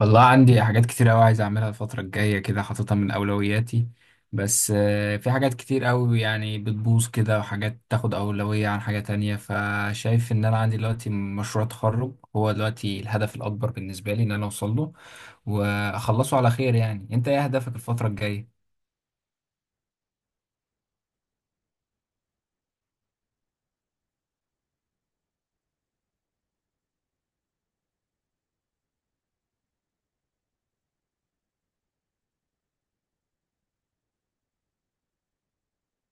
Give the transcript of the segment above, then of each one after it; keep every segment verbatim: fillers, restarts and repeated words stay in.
والله عندي حاجات كتير أوي عايز أعملها الفترة الجاية كده حاططها من أولوياتي. بس آه، في حاجات كتير أوي يعني بتبوظ كده، وحاجات تاخد أولوية عن حاجة تانية. فشايف إن أنا عندي دلوقتي مشروع تخرج، هو دلوقتي الهدف الأكبر بالنسبة لي إن أنا أوصل له وأخلصه على خير. يعني أنت إيه هدفك الفترة الجاية؟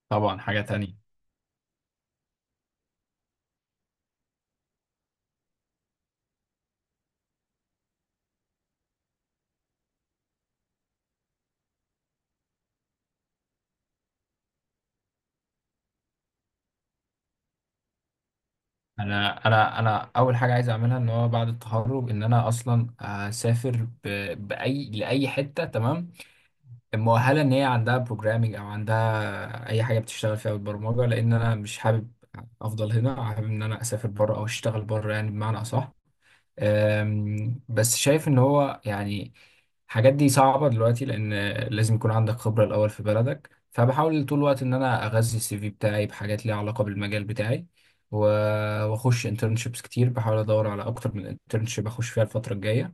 طبعا حاجة تانية. أنا أنا أنا أول حاجة عايز أعملها إن هو بعد التخرج إن أنا أصلا أسافر ب- بأي لأي حتة، تمام، مؤهله ان هي عندها بروجرامنج او عندها اي حاجه بتشتغل فيها بالبرمجه. لان انا مش حابب افضل هنا، حابب ان انا اسافر بره او اشتغل بره يعني بمعنى اصح. أم، بس شايف ان هو يعني الحاجات دي صعبه دلوقتي، لان لازم يكون عندك خبره الاول في بلدك. فبحاول طول الوقت ان انا اغذي السي في بتاعي بحاجات ليها علاقه بالمجال بتاعي، و- واخش انترنشيبس كتير، بحاول ادور على اكتر من انترنشيب اخش فيها الفتره الجايه.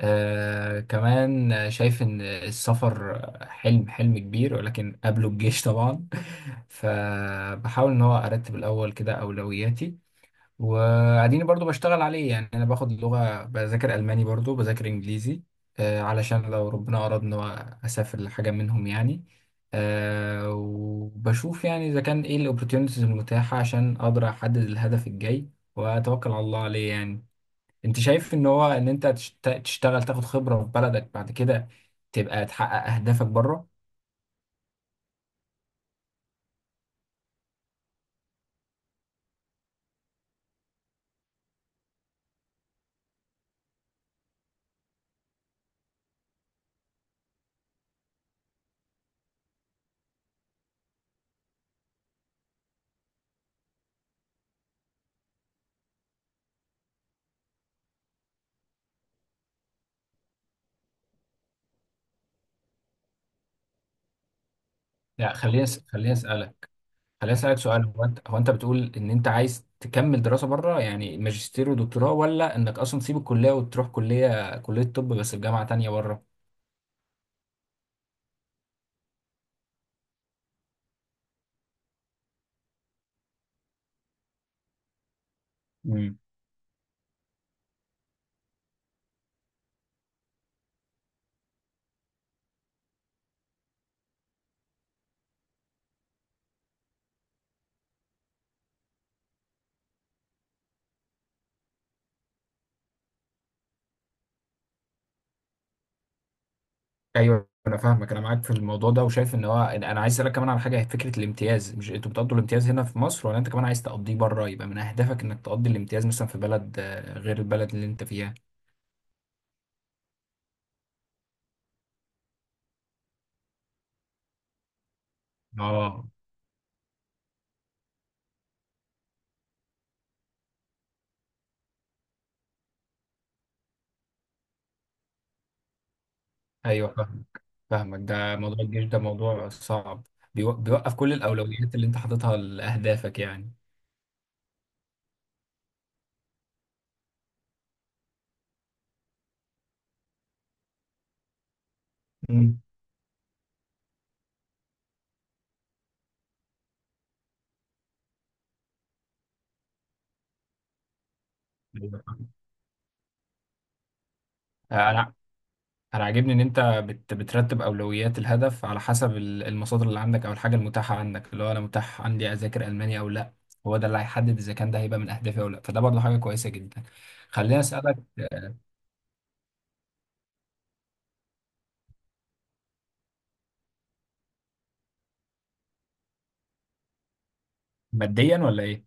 آه كمان شايف إن السفر حلم حلم كبير، ولكن قبله الجيش طبعا. فبحاول إن هو أرتب الأول كده أولوياتي، وقاعدين برضو بشتغل عليه. يعني أنا باخد لغة، بذاكر ألماني برضو، بذاكر إنجليزي آه علشان لو ربنا أراد إن هو أسافر لحاجة منهم يعني. آه وبشوف يعني إذا كان إيه الأوبورتيونيتيز المتاحة عشان أقدر أحدد الهدف الجاي وأتوكل على الله عليه يعني. انت شايف ان هو ان انت تشت- تشتغل تاخد خبرة في بلدك، بعد كده تبقى تحقق اهدافك بره؟ لا، خليني أس- خليني اسالك خليني اسالك سؤال. هو انت هو انت بتقول ان انت عايز تكمل دراسة بره يعني ماجستير ودكتوراه، ولا انك اصلا تسيب الكلية وتروح كلية كلية طب بس في جامعة تانية بره؟ مم. ايوه انا فاهمك، انا معاك في الموضوع ده. وشايف ان هو انا عايز اسالك كمان على حاجه، هي فكره الامتياز. مش انتوا بتقضوا الامتياز هنا في مصر، ولا انت كمان عايز تقضيه بره؟ يبقى من اهدافك انك تقضي الامتياز مثلا في بلد آه، غير البلد اللي انت فيها. اه. ايوه فاهم، فاهمك. ده موضوع الجيش ده موضوع صعب، بيو- بيوقف كل الاولويات اللي انت حاططها لاهدافك يعني. مم. أيوة فاهم. انا انا عاجبني ان انت بت بترتب اولويات الهدف على حسب ال- المصادر اللي عندك او الحاجه المتاحه عندك، اللي هو انا متاح عندي اذاكر الماني او لا. هو ده اللي هيحدد اذا كان ده هيبقى من اهدافي او لا. فده برضه حاجه كويسه جدا. خليني اسالك آه، ماديا ولا ايه؟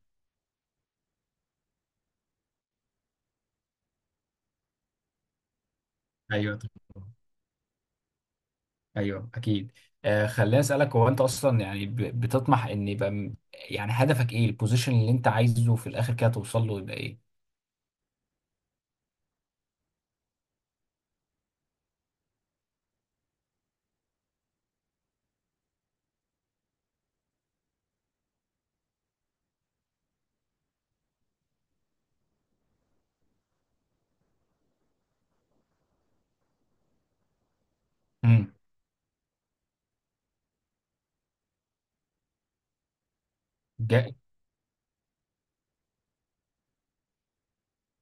ايوه، ايوه، اكيد. آه خليني اسالك، هو انت اصلا يعني ب- بتطمح ان يبقى م- يعني هدفك ايه، البوزيشن اللي انت عايزه في الاخر كده توصل له يبقى ايه؟ امم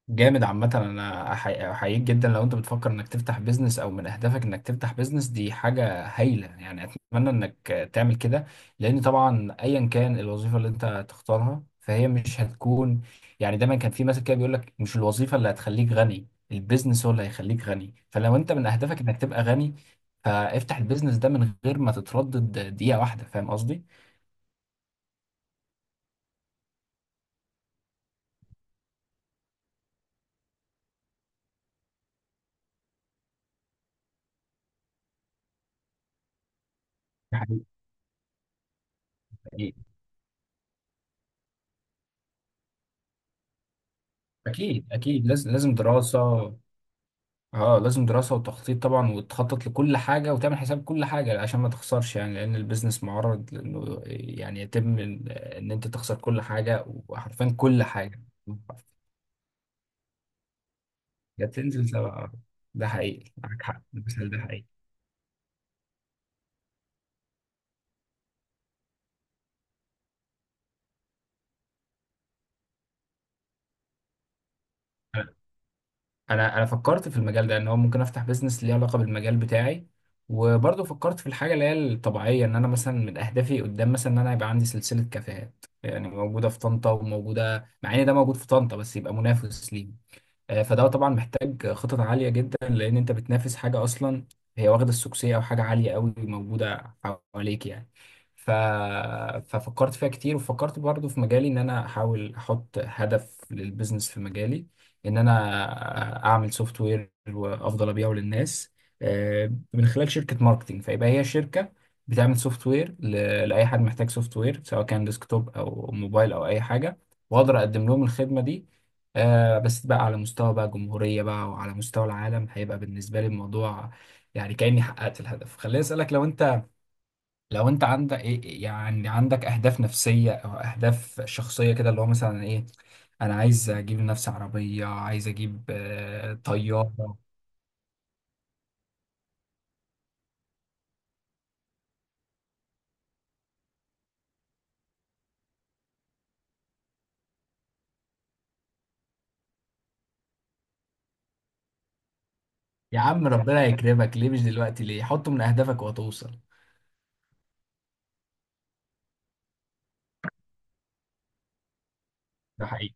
جامد عامة. أنا أحي- أحييك جدا لو أنت بتفكر إنك تفتح بيزنس، أو من أهدافك إنك تفتح بيزنس. دي حاجة هايلة يعني، أتمنى إنك تعمل كده. لأن طبعا أيا كان الوظيفة اللي أنت تختارها فهي مش هتكون، يعني دايما كان في مثل كده بيقول لك: مش الوظيفة اللي هتخليك غني، البيزنس هو اللي هيخليك غني. فلو أنت من أهدافك إنك تبقى غني، فافتح البيزنس ده من غير ما تتردد دقيقة واحدة. فاهم قصدي؟ ده حقيقي. أكيد أكيد، لازم لازم دراسة. اه لازم دراسة وتخطيط طبعا، وتخطط لكل حاجة وتعمل حساب كل حاجة عشان ما تخسرش يعني، لأن البيزنس معرض لأنه يعني يتم إن إن أنت تخسر كل حاجة، وحرفيا كل حاجة. يا تنزل سبعة. ده حقيقي، معاك حق، المثال ده حقيقي. أنا أنا أنا فكرت في المجال ده إن هو ممكن أفتح بيزنس ليه علاقة بالمجال بتاعي. وبرضه فكرت في الحاجة اللي هي الطبيعية، إن أنا مثلا من أهدافي قدام مثلا إن أنا يبقى عندي سلسلة كافيهات، يعني موجودة في طنطا، وموجودة مع إن ده موجود في طنطا بس يبقى منافس ليه. آه، فده طبعا محتاج خطط عالية جدا، لأن أنت بتنافس حاجة أصلا هي واخدة السوكسية، أو حاجة عالية أوي موجودة حواليك يعني. ف... ففكرت فيها كتير، وفكرت برضو في مجالي إن أنا أحاول أحط هدف للبيزنس في مجالي، إن أنا أعمل سوفت وير وأفضل أبيعه للناس آه، من خلال شركة ماركتينج. فيبقى هي شركة بتعمل سوفت وير ل... لأي حد محتاج سوفت وير، سواء كان ديسكتوب أو موبايل أو أي حاجة، وأقدر أقدم لهم الخدمة دي. آه بس بقى على مستوى بقى جمهورية بقى وعلى مستوى العالم، هيبقى بالنسبة لي الموضوع يعني كأني حققت الهدف. خليني أسألك، لو أنت لو أنت عندك إيه يعني، عندك أهداف نفسية أو أهداف شخصية كده، اللي هو مثلا إيه؟ أنا عايز أجيب لنفسي عربية، عايز أجيب آه طيارة. يا عم ربنا يكرمك، ليه مش دلوقتي؟ ليه؟ حطه من أهدافك وهتوصل. ده حقيقي.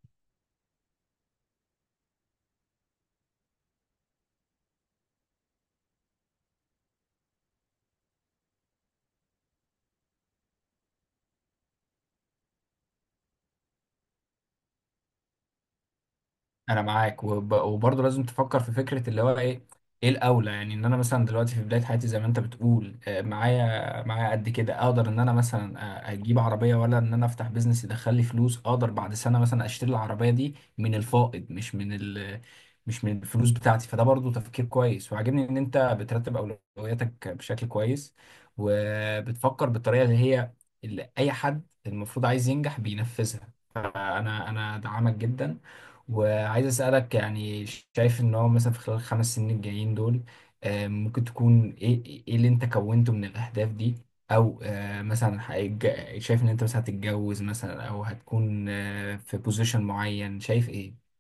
انا معاك وب... وبرضه لازم تفكر في فكره اللي هو ايه ايه الاولى. يعني ان انا مثلا دلوقتي في بدايه حياتي، زي ما انت بتقول آه، معايا معايا قد كده، اقدر ان انا مثلا آه، اجيب عربيه، ولا ان انا افتح بيزنس يدخل لي فلوس، اقدر بعد سنه مثلا اشتري العربيه دي من الفائض، مش من ال... مش من الفلوس بتاعتي. فده برضه تفكير كويس، وعاجبني ان انت بترتب اولوياتك بشكل كويس، وبتفكر بالطريقه اللي هي اللي اي حد المفروض عايز ينجح بينفذها. فانا انا دعمك جدا. وعايز أسألك يعني، شايف إن هو مثلا في خلال الخمس سنين الجايين دول آه، ممكن تكون إيه إيه اللي أنت كونته من الأهداف دي، أو آه، مثلا هيتج- شايف إن أنت مثلا هتتجوز مثلا، أو هتكون آه، في بوزيشن معين، شايف إيه؟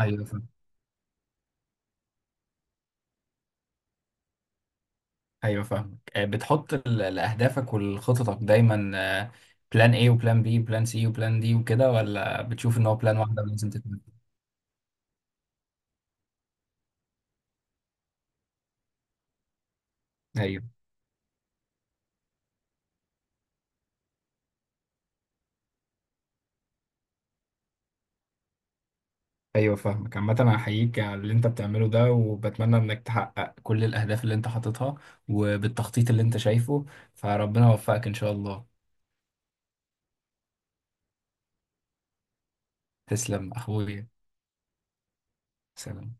أيوه فاهم. أيوه فاهمك. آه، بتحط ال- لأهدافك ولخططك دايما بلان إيه وبلان بي وبلان سي وبلان دي وكده، ولا بتشوف إن هو بلان واحدة ولازم تكمل؟ أيوه، ايوه، فاهمك. عامة انا هحييك على اللي انت بتعمله ده، وبتمنى انك تحقق كل الاهداف اللي انت حاططها وبالتخطيط اللي انت شايفه. فربنا يوفقك ان شاء الله. تسلم اخويا. سلام.